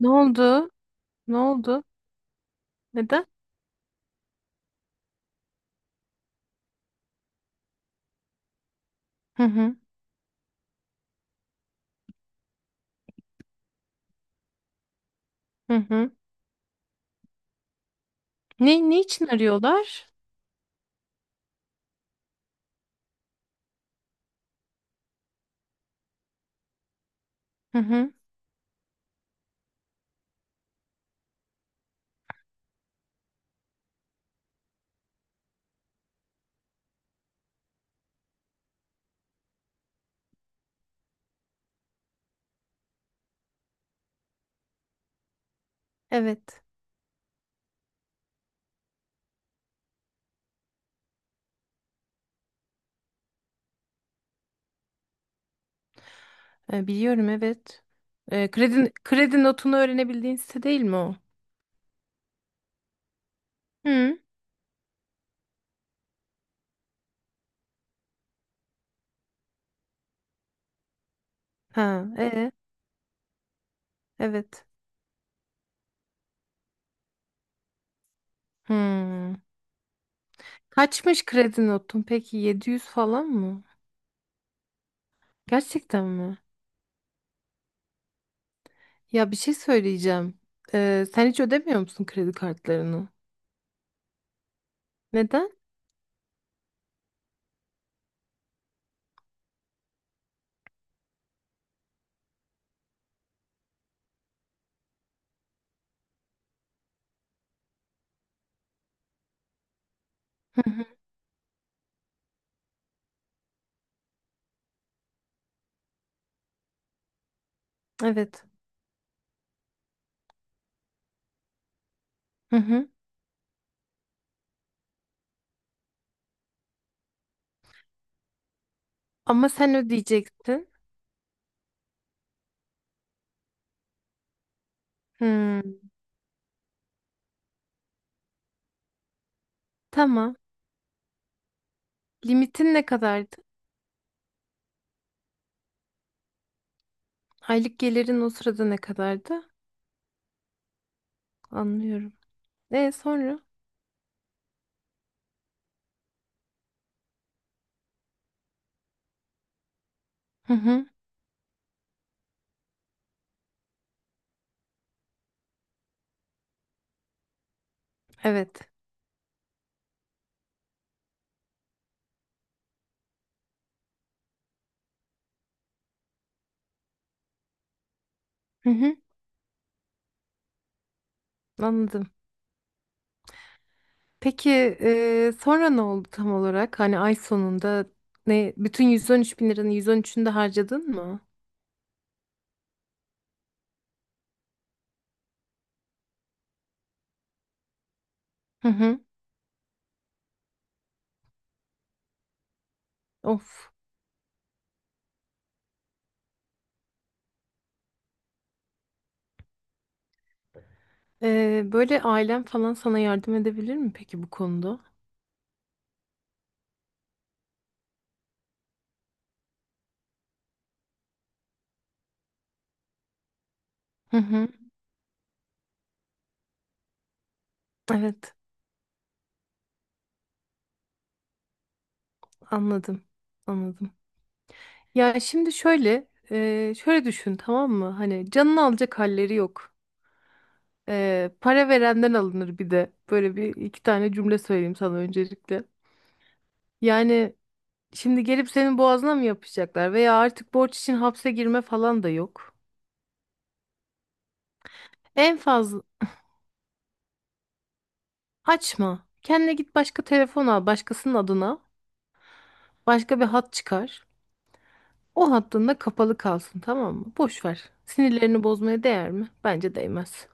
Ne oldu? Ne oldu? Neden? Hı hı. Hı hı. Ne için arıyorlar? Hı hı. Evet. Biliyorum evet. Kredi notunu öğrenebildiğin site değil mi o? Hı. Ha, evet. Hı. Kaçmış kredi notun peki? 700 falan mı? Gerçekten mi? Ya bir şey söyleyeceğim. Sen hiç ödemiyor musun kredi kartlarını? Neden? Hı hı. Evet. Hı hı. Ama sen ödeyecektin. Hı. Tamam. Limitin ne kadardı? Aylık gelirin o sırada ne kadardı? Anlıyorum. Sonra? Hı hı. Evet. Hı hı. Anladım. Peki sonra ne oldu tam olarak? Hani ay sonunda ne? Bütün 113 bin liranın 113'ünü de harcadın mı? Hı hı. Of. Böyle ailen falan sana yardım edebilir mi peki bu konuda? Hı hı. Evet. Anladım. Anladım. Ya şimdi şöyle düşün tamam mı? Hani canını alacak halleri yok. Para verenden alınır bir de. Böyle bir iki tane cümle söyleyeyim sana öncelikle. Yani şimdi gelip senin boğazına mı yapışacaklar veya artık borç için hapse girme falan da yok. En fazla açma. Kendine git başka telefon al başkasının adına. Başka bir hat çıkar. O hattın da kapalı kalsın tamam mı? Boş ver. Sinirlerini bozmaya değer mi? Bence değmez.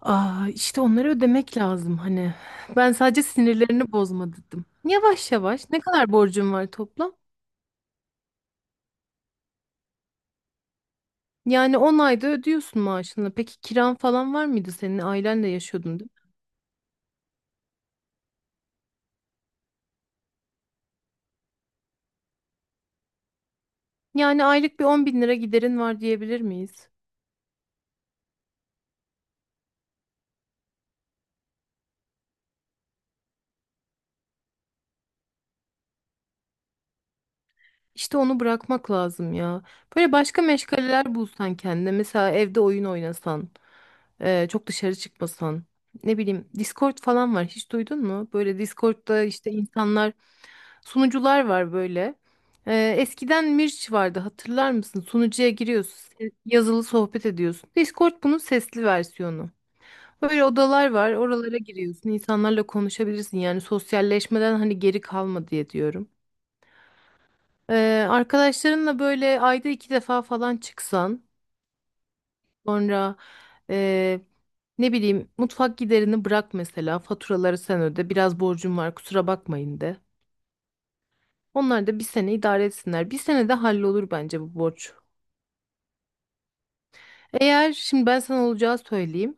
Aa, işte onları ödemek lazım hani. Ben sadece sinirlerini bozma dedim. Yavaş yavaş ne kadar borcum var toplam? Yani 10 ayda ödüyorsun maaşını. Peki kiran falan var mıydı senin? Ailenle yaşıyordun değil mi? Yani aylık bir 10 bin lira giderin var diyebilir miyiz? İşte onu bırakmak lazım ya. Böyle başka meşgaleler bulsan kendine. Mesela evde oyun oynasan, çok dışarı çıkmasan. Ne bileyim, Discord falan var. Hiç duydun mu? Böyle Discord'da işte insanlar, sunucular var böyle. Eskiden Mirç vardı hatırlar mısın? Sunucuya giriyorsun, yazılı sohbet ediyorsun. Discord bunun sesli versiyonu. Böyle odalar var. Oralara giriyorsun. İnsanlarla konuşabilirsin. Yani sosyalleşmeden hani geri kalma diye diyorum. Arkadaşlarınla böyle ayda 2 defa falan çıksan sonra ee, ne bileyim mutfak giderini bırak mesela faturaları sen öde biraz borcum var kusura bakmayın de. Onlar da bir sene idare etsinler. Bir senede hallolur bence bu borç. Eğer şimdi ben sana olacağı söyleyeyim.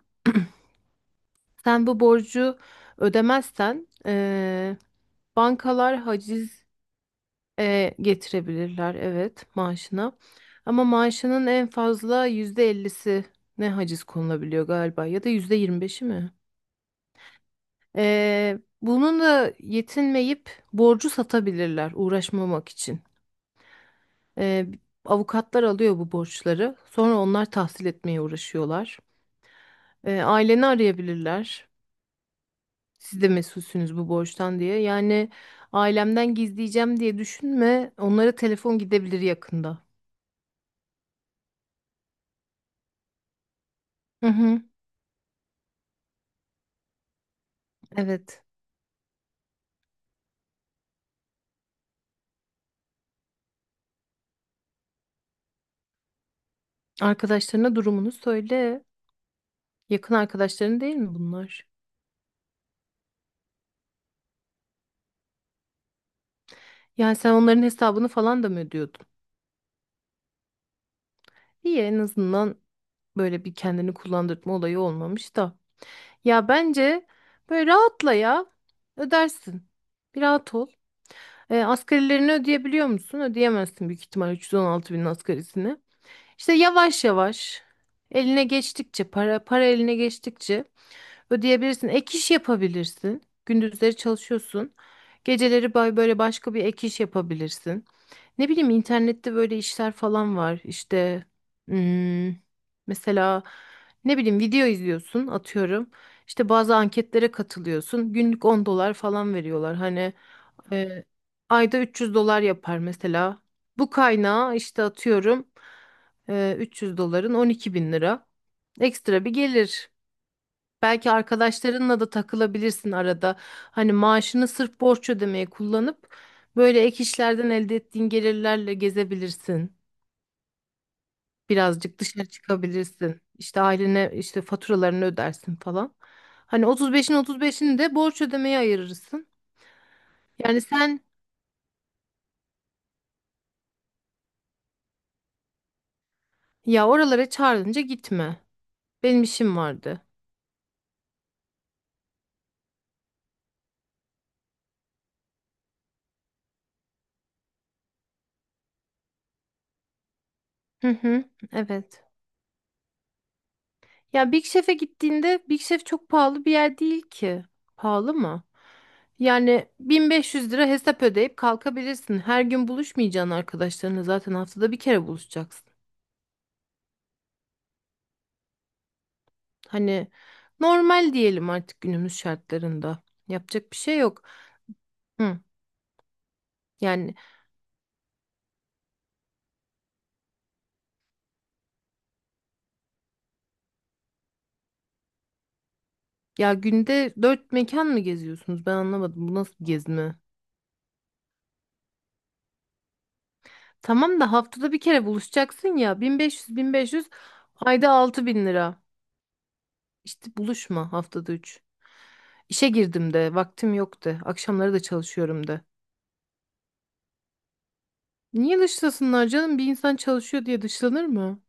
Sen bu borcu ödemezsen bankalar haciz. Getirebilirler evet maaşına. Ama maaşının en fazla %50'si ne haciz konulabiliyor galiba ya da %25'i mi? Bunun da yetinmeyip borcu satabilirler uğraşmamak için. E, avukatlar alıyor bu borçları. Sonra onlar tahsil etmeye uğraşıyorlar. Aileni arayabilirler. Siz de mesulsünüz bu borçtan diye. Yani ailemden gizleyeceğim diye düşünme. Onlara telefon gidebilir yakında. Hı hı, evet. Arkadaşlarına durumunu söyle. Yakın arkadaşların değil mi bunlar? Yani sen onların hesabını falan da mı ödüyordun? İyi en azından böyle bir kendini kullandırma olayı olmamış da. Ya bence böyle rahatla ya. Ödersin. Bir rahat ol. Asgarilerini ödeyebiliyor musun? Ödeyemezsin büyük ihtimal 316 binin asgarisini. İşte yavaş yavaş eline geçtikçe para para eline geçtikçe ödeyebilirsin. Ek iş yapabilirsin. Gündüzleri çalışıyorsun. Geceleri böyle başka bir ek iş yapabilirsin. Ne bileyim internette böyle işler falan var. İşte hmm, mesela ne bileyim video izliyorsun atıyorum. İşte bazı anketlere katılıyorsun. Günlük 10 dolar falan veriyorlar. Hani e, ayda 300 dolar yapar mesela. Bu kaynağı işte atıyorum 300 doların 12 bin lira. Ekstra bir gelir. Belki arkadaşlarınla da takılabilirsin arada. Hani maaşını sırf borç ödemeye kullanıp böyle ek işlerden elde ettiğin gelirlerle gezebilirsin. Birazcık dışarı çıkabilirsin. İşte ailene işte faturalarını ödersin falan. Hani 35'in 35'ini de borç ödemeye ayırırsın. Yani sen ya oralara çağrılınca gitme. Benim işim vardı. Hı hı, evet. Ya Big Chef'e gittiğinde Big Chef çok pahalı bir yer değil ki. Pahalı mı? Yani 1500 lira hesap ödeyip kalkabilirsin. Her gün buluşmayacaksın arkadaşlarınla zaten haftada bir kere buluşacaksın. Hani normal diyelim artık günümüz şartlarında. Yapacak bir şey yok. Hı. Yani ya günde 4 mekan mı geziyorsunuz? Ben anlamadım. Bu nasıl bir gezme? Tamam da haftada bir kere buluşacaksın ya. 1500 1500 ayda 6 bin lira. İşte buluşma haftada 3. İşe girdim de, vaktim yok de, akşamları da çalışıyorum de. Niye dışlasınlar canım? Bir insan çalışıyor diye dışlanır mı?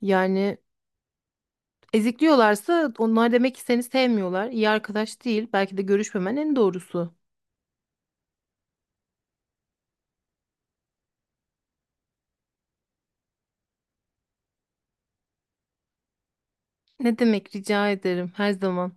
Yani ezikliyorlarsa onlar demek ki seni sevmiyorlar. İyi arkadaş değil. Belki de görüşmemen en doğrusu. Ne demek rica ederim her zaman.